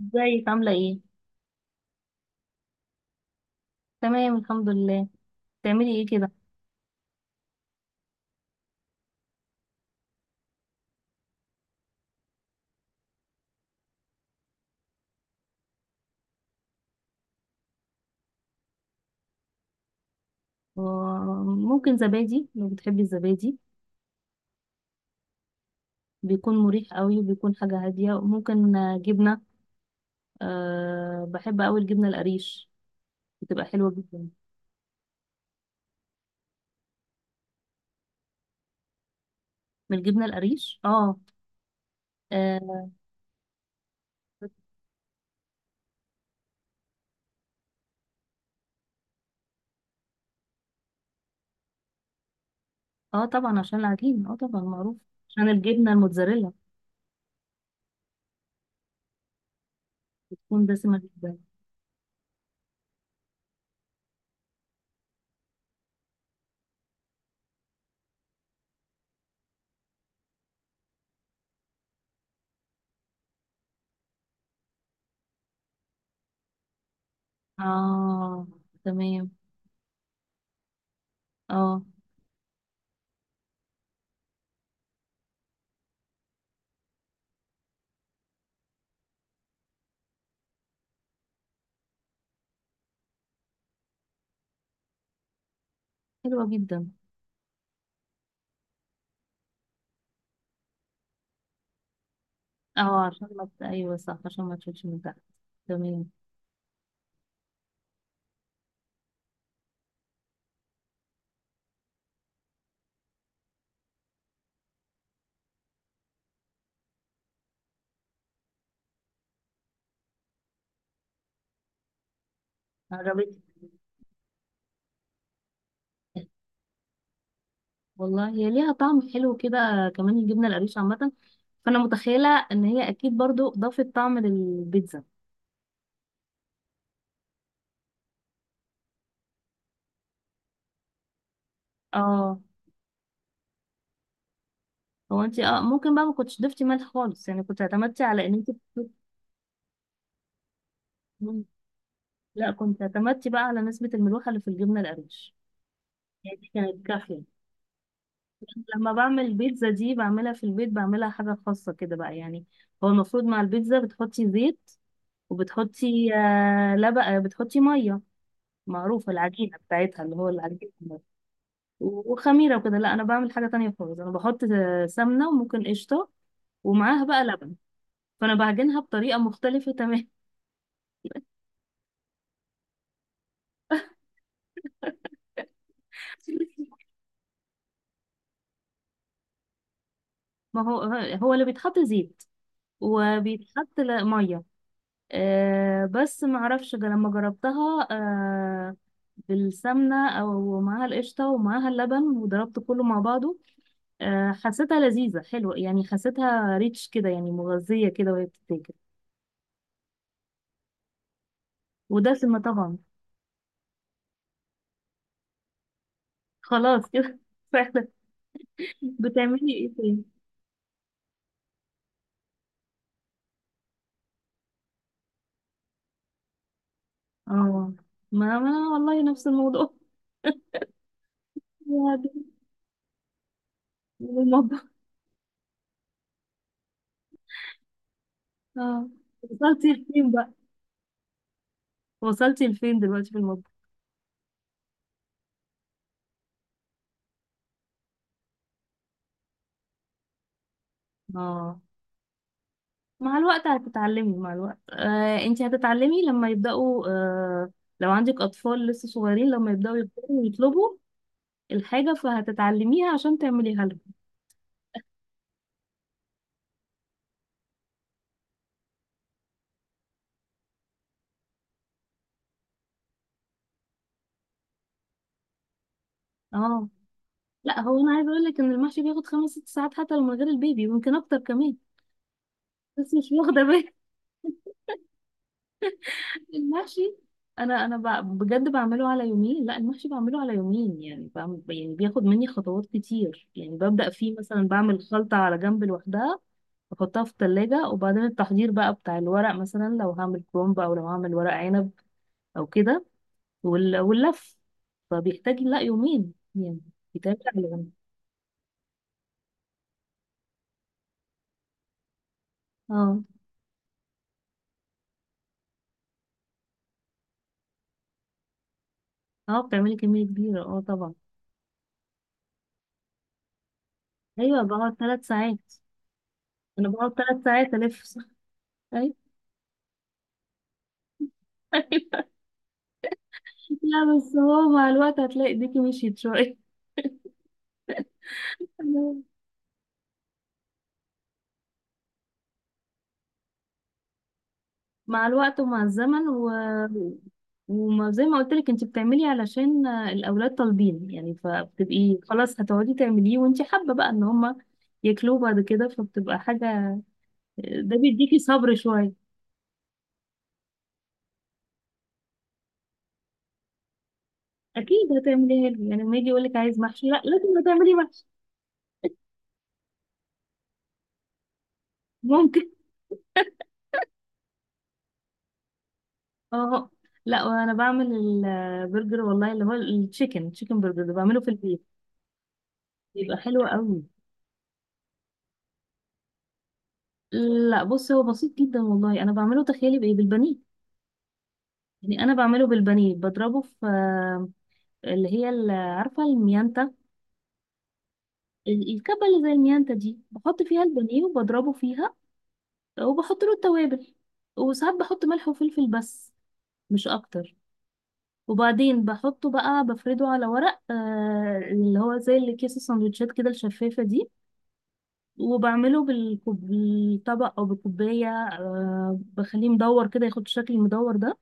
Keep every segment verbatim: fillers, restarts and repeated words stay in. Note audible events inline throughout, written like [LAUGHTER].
ازيك عاملة ايه؟ تمام الحمد لله. تعملي ايه كده؟ آه، ممكن زبادي لو بتحبي الزبادي. بيكون مريح قوي وبيكون حاجة هادية، وممكن آه، جبنة. أه بحب قوي الجبنة القريش، بتبقى حلوة جدا. من الجبنة القريش. اه. اه. آه طبعا، عشان العجين، اه طبعا معروف. عشان الجبنة الموتزاريلا، بتكون دسمة جدا. اه. تمام. اه. حلوة جدا. اه، عشان ما ت- ايوه صح، عشان ما تشوفش من تحت. تمام. قربت. [LAUGHS] والله هي ليها طعم حلو كده، كمان الجبنة القريش عامة، فأنا متخيلة إن هي أكيد برضو ضافت طعم للبيتزا. اه. هو انت اه ممكن بقى ما كنتش ضفتي ملح خالص، يعني كنت اعتمدتي على ان انت بت- مم. لا، كنت اعتمدتي بقى على نسبة الملوحة اللي في الجبنة القريش، يعني دي كانت كافية. لما بعمل البيتزا دي بعملها في البيت، بعملها حاجة خاصة كده بقى يعني. هو المفروض مع البيتزا بتحطي زيت، وبتحطي آه لبن، آه، بتحطي مية. معروفة العجينة بتاعتها اللي هو العجينة. وخميرة وكده. لا، أنا بعمل حاجة تانية خالص، أنا بحط سمنة وممكن قشطة، ومعاها بقى لبن، فأنا بعجنها بطريقة مختلفة تماما. [LAUGHS] ما هو، هو اللي بيتحط زيت، وبيتحط ل- مية. أه بس معرفش جا- لما جربتها أه بالسمنة، أو معاها القشطة ومعاها اللبن وضربت كله مع بعضه. أه حسيتها لذيذة حلوة، يعني حسيتها ريتش كده، يعني مغذية كده وهي بتتاكل، ودسمة طبعا. خلاص كده. [LAUGHS] فعلا. بتعملي ايه تاني؟ اه، ما ما والله نفس الموضوع. [LAUGHS] يا دي- من المطبخ. اه. وصلتي لفين بقى؟ وصلتي لفين دلوقتي في المطبخ؟ اه، مع الوقت هتتعلمي، مع الوقت آه انت هتتعلمي لما يبدأوا، آه لو عندك أطفال لسه صغيرين، لما يبدأوا يكبروا ويطلبوا الحاجة فهتتعلميها عشان تعمليها لهم. اه. لا، هو انا عايزه اقول لك ان المحشي بياخد خمس ست ساعات، حتى لو من غير البيبي، ويمكن اكتر كمان. بس مش واخده المحشي. انا انا ب- بجد بعمله على يومين، لا المحشي بعمله على يومين، يعني بعمل، يعني بياخد مني خطوات كتير، يعني ببدأ فيه مثلا، بعمل خلطة على جنب لوحدها، بحطها في التلاجة، وبعدين التحضير بقى بتاع الورق، مثلا لو هعمل كرومب او لو هعمل ورق عنب او كده، وال- واللف. فبيحتاج لا يومين يعني، بيتعمل على جنب. اه. اه، بتعملي كمية كبيرة، اه طبعا. ايوه، بقعد ثلاث ساعات. انا بقعد ثلاث ساعات الف. [LAUGHS] ايوه. لا بس هو مع الوقت هتلاقي ايديكي مشيت شوية. [LAUGHS] مع الوقت ومع الزمن، و... وما زي ما قلت لك، انت بتعملي علشان الاولاد طالبين، يعني فبتبقي خلاص هتقعدي تعمليه، وانت حابة بقى ان هما ياكلوه بعد كده، فبتبقى حاجة، ده بيديكي صبر شوية. اكيد هتعمليها له، يعني لما يجي يقول لك عايز محشي، لا لازم هتعملي محشي. [LAUGHS] ممكن. اه. لا، وانا بعمل البرجر والله، اللي هو التشيكن تشيكن برجر، ده بعمله في البيت، بيبقى حلو قوي. لا بص، هو بسيط جدا والله، انا بعمله، تخيلي بايه؟ بالبانيه. يعني انا بعمله بالبانيه، بضربه في آه، اللي هي ال- عارفه الميانتا، ال- الكبه اللي زي الميانتا دي، بحط فيها البانيه وبضربه فيها، وبحط له التوابل، وساعات بحط ملح وفلفل بس، مش اكتر. وبعدين بحطه بقى، بفرده على ورق، آه اللي هو زي اللي كيس السندوتشات كده الشفافه دي، وبعمله بالكوب- بالطبق او بالكوبايه، آه بخليه مدور كده، ياخد الشكل المدور ده،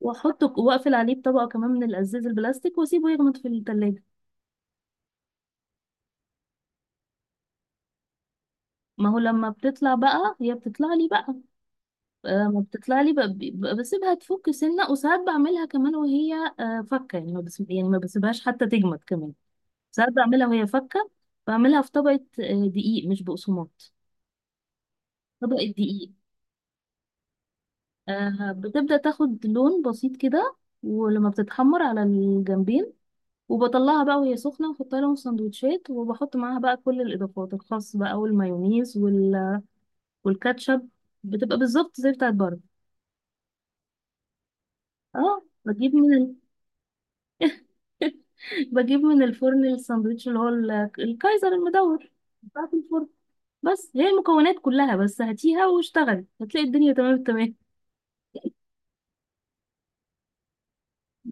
واحطه واقفل عليه بطبقه كمان من الازاز البلاستيك، واسيبه يغمض في التلاجة. ما هو لما بتطلع بقى، هي بتطلع لي بقى، آه ما بتطلع لي بقى بي- بقى بسيبها تفك سنة، وساعات بعملها كمان وهي آه فكة يعني، ما بس يعني ما بسيبهاش حتى تجمد كمان، ساعات بعملها وهي فكة، بعملها في طبقة آه دقيق مش بقسماط، طبقة دقيق، آه بتبدأ تاخد لون بسيط كده، ولما بتتحمر على الجنبين، وبطلعها بقى وهي سخنة، واحطها لهم في سندوتشات، وبحط معاها بقى كل الإضافات الخاص بقى، والمايونيز وال... والكاتشب، بتبقى بالظبط زي بتاعت بره. اه، بجيب من ال... [LAUGHS] بجيب من الفرن الساندوتش اللي هو ال... الكايزر المدور، بتاع في الفرن. بس هي المكونات كلها، بس هاتيها واشتغلي هتلاقي الدنيا تمام التمام.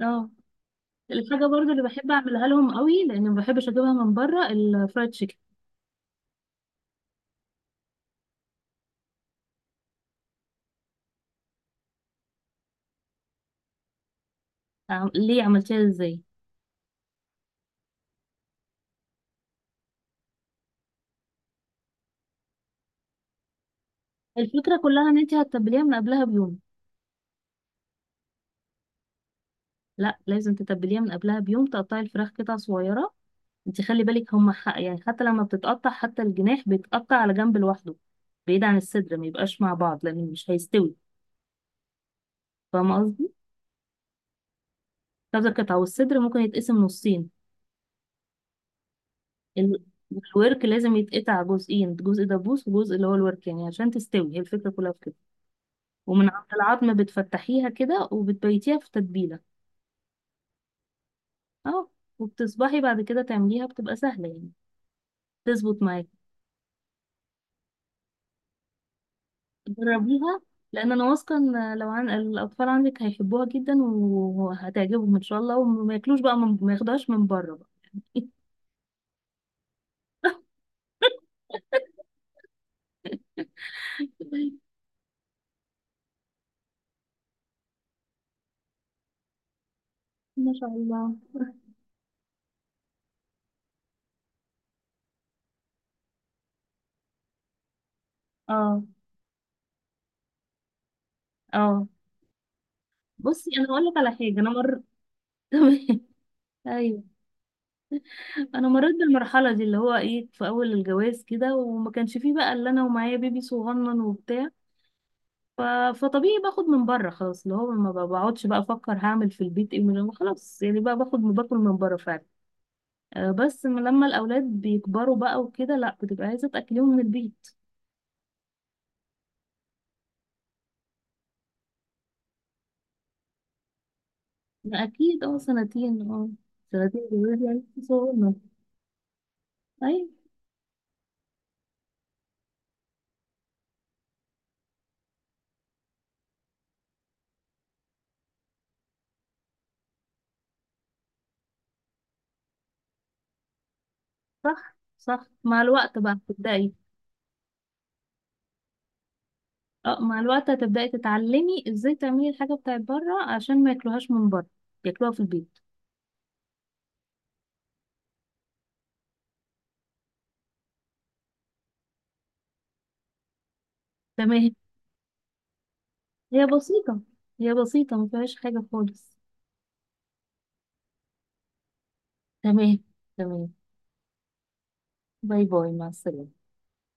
اه، الحاجة برضو اللي بحب أعملها لهم قوي، لأن ما بحبش أجيبها من بره، الفرايد تشيكن. عم- ليه عملتيها ازاي؟ الفكرة كلها إن انتي هتتبليها من قبلها بيوم. لا لازم تتبليها من قبلها بيوم، تقطعي الفراخ قطع صغيرة، انت خلي بالك هما حق يعني، حتى لما بتتقطع حتى الجناح بيتقطع على جنب لوحده، بعيد عن الصدر، ما يبقاش مع بعض لان مش هيستوي. فاهمة قصدي؟ كذا قطعة، والصدر ممكن يتقسم نصين، ال- الورك لازم يتقطع جزئين، جزء دبوس وجزء اللي هو الورك، يعني عشان تستوي، هي الفكرة كلها في كده، ومن عند العظم بتفتحيها كده، وبتبيتيها في تتبيلة. اه. وبتصبحي بعد كده تعمليها بتبقى سهلة يعني، تظبط معاكي. جربيها، لان انا واثقه ان لو عن الاطفال عندك هيحبوها جدا، وهتعجبهم ان شاء الله، وما ياكلوش بقى من... ما ياخدوهاش من بره بقى. [LAUGHS] ما شاء الله. اه. اه، بصي انا هقول لك على حاجه، انا مر. [LAUGHS] تمام. ايوه، انا مريت بالمرحله دي، اللي هو ايه، في اول الجواز كده، وما كانش فيه بقى الا انا ومعايا بيبي صغنن وبتاع، ف... فطبيعي باخد من بره خلاص، اللي هو ما بقعدش بقى افكر هعمل في البيت ايه، من خلاص يعني بقى باخد باكل من بره فعلا، آه، بس من لما الأولاد بيكبروا بقى وكده لأ، بتبقى عايزة تأكليهم من البيت. ما أكيد، اه سنتين، اه سنتين بيقولوا لي يعني صغنن. أيوة. صح صح، مع الوقت بقى تبدأي. اه، مع الوقت هتبدأي تتعلمي ازاي تعملي الحاجة بتاعت بره عشان ما ياكلوهاش من بره، ياكلوها في البيت. تمام. هي بسيطة، هي بسيطة ما فيهاش حاجة خالص. تمام. تمام. باي باي، مع السلامة.